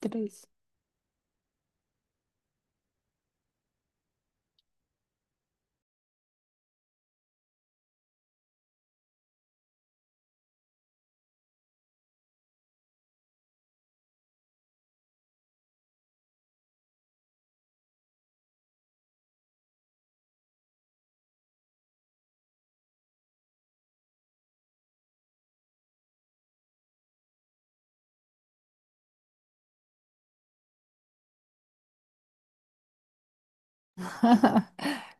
Tres.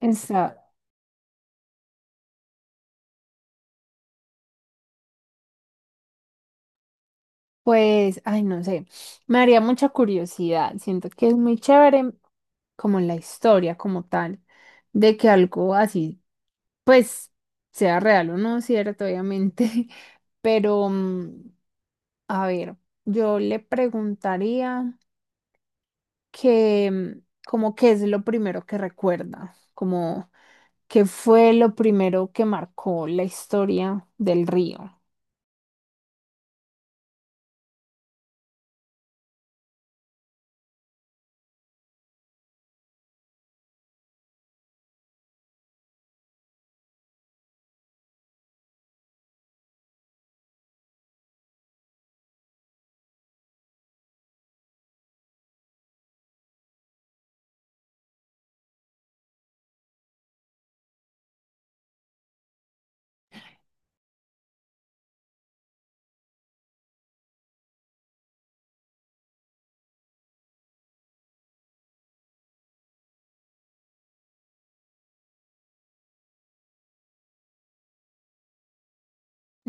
Esa, pues, ay, no sé. Me haría mucha curiosidad. Siento que es muy chévere como la historia como tal, de que algo así, pues, sea real o no, cierto, obviamente. Pero, a ver, yo le preguntaría que, como qué es lo primero que recuerda, como qué fue lo primero que marcó la historia del río.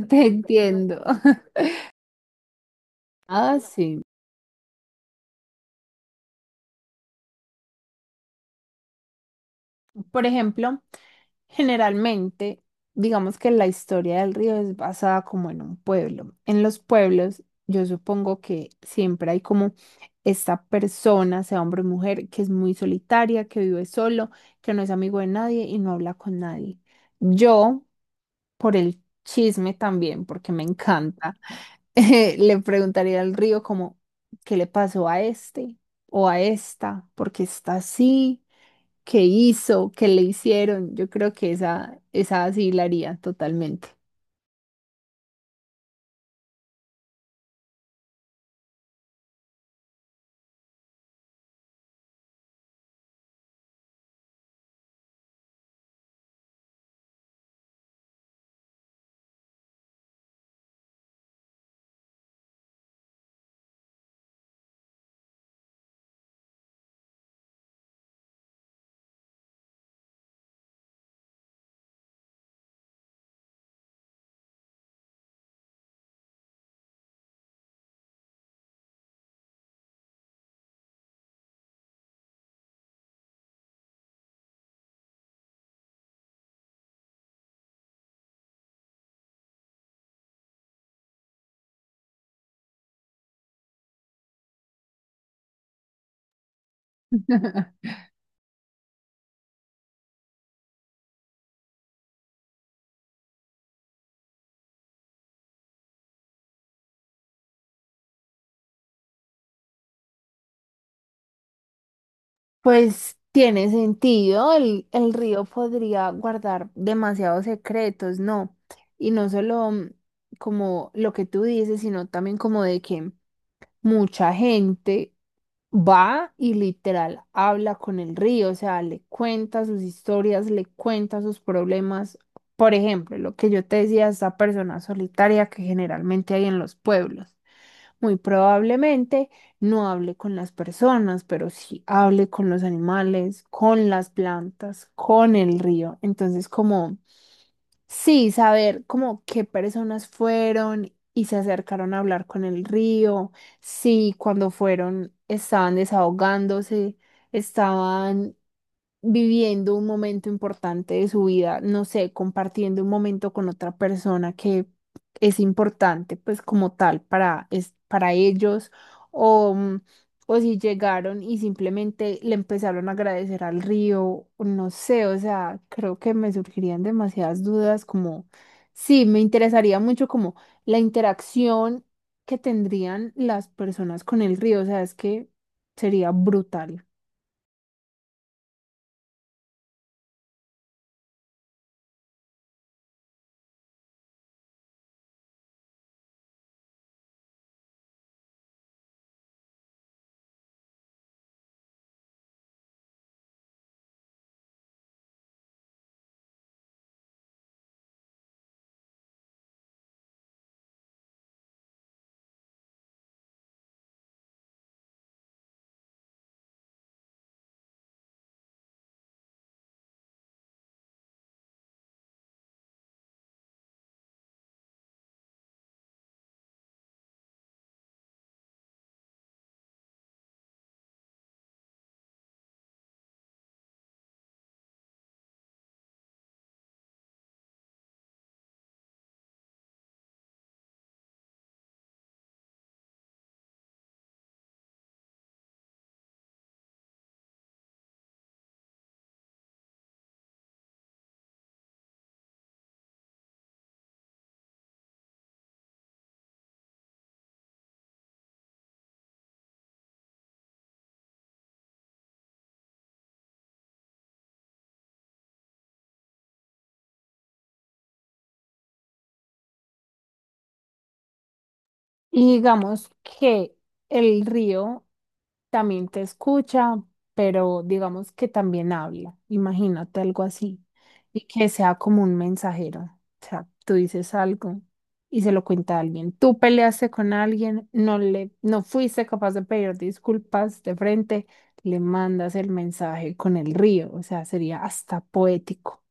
Te entiendo. Ah, sí. Por ejemplo, generalmente, digamos que la historia del río es basada como en un pueblo. En los pueblos, yo supongo que siempre hay como esta persona, sea hombre o mujer, que es muy solitaria, que vive solo, que no es amigo de nadie y no habla con nadie. Yo por el chisme también, porque me encanta. Le preguntaría al río como, ¿qué le pasó a este o a esta? Porque está así, ¿qué hizo? ¿Qué le hicieron? Yo creo que esa sí la haría totalmente. Pues tiene sentido, el río podría guardar demasiados secretos, ¿no? Y no solo como lo que tú dices, sino también como de que mucha gente va y literal habla con el río, o sea, le cuenta sus historias, le cuenta sus problemas. Por ejemplo, lo que yo te decía, esa persona solitaria que generalmente hay en los pueblos. Muy probablemente no hable con las personas, pero sí hable con los animales, con las plantas, con el río. Entonces, como sí, saber como qué personas fueron y se acercaron a hablar con el río, si cuando fueron estaban desahogándose, estaban viviendo un momento importante de su vida, no sé, compartiendo un momento con otra persona que es importante, pues como tal, para, para ellos, o, mm, o si llegaron y simplemente le empezaron a agradecer al río, o no sé, o sea, creo que me surgirían demasiadas dudas, como, sí, me interesaría mucho como la interacción que tendrían las personas con el río, o sea, es que sería brutal. Y digamos que el río también te escucha, pero digamos que también habla. Imagínate algo así. Y que sea como un mensajero. O sea, tú dices algo y se lo cuenta a alguien. Tú peleaste con alguien, no le, no fuiste capaz de pedir disculpas de frente, le mandas el mensaje con el río. O sea, sería hasta poético.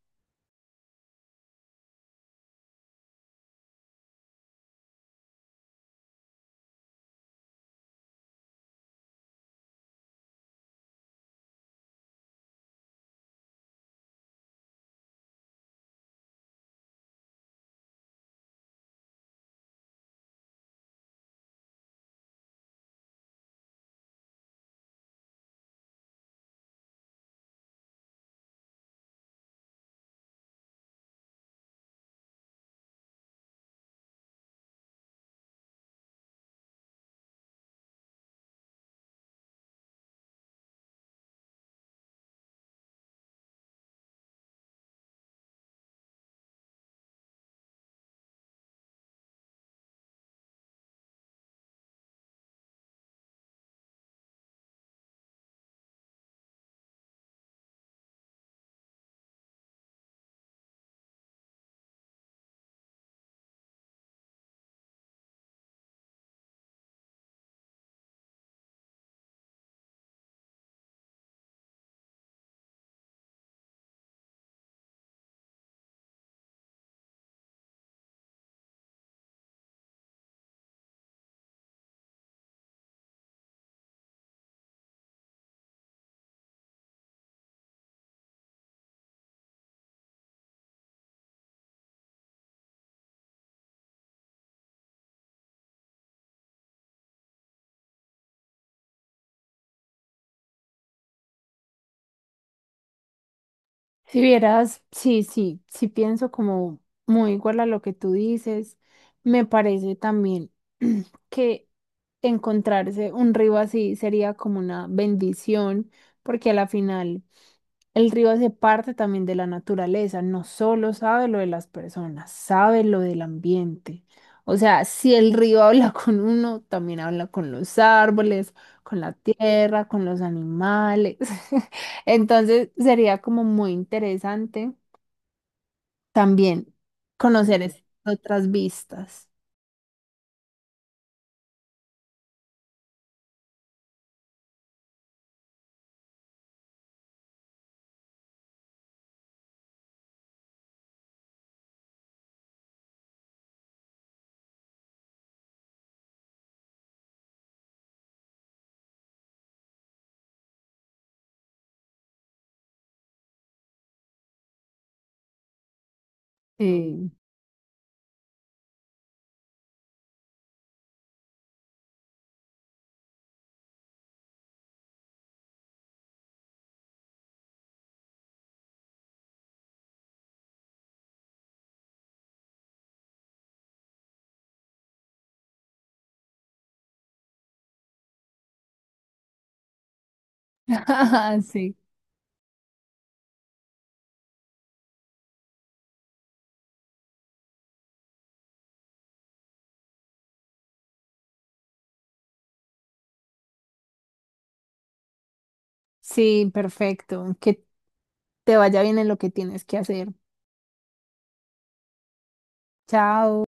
Si vieras, sí, sí, sí pienso como muy igual a lo que tú dices. Me parece también que encontrarse un río así sería como una bendición, porque a la final el río hace parte también de la naturaleza, no solo sabe lo de las personas, sabe lo del ambiente. O sea, si el río habla con uno, también habla con los árboles, con la tierra, con los animales. Entonces sería como muy interesante también conocer esas otras vistas. Eh, Sí, sí, perfecto. Que te vaya bien en lo que tienes que hacer. Chao.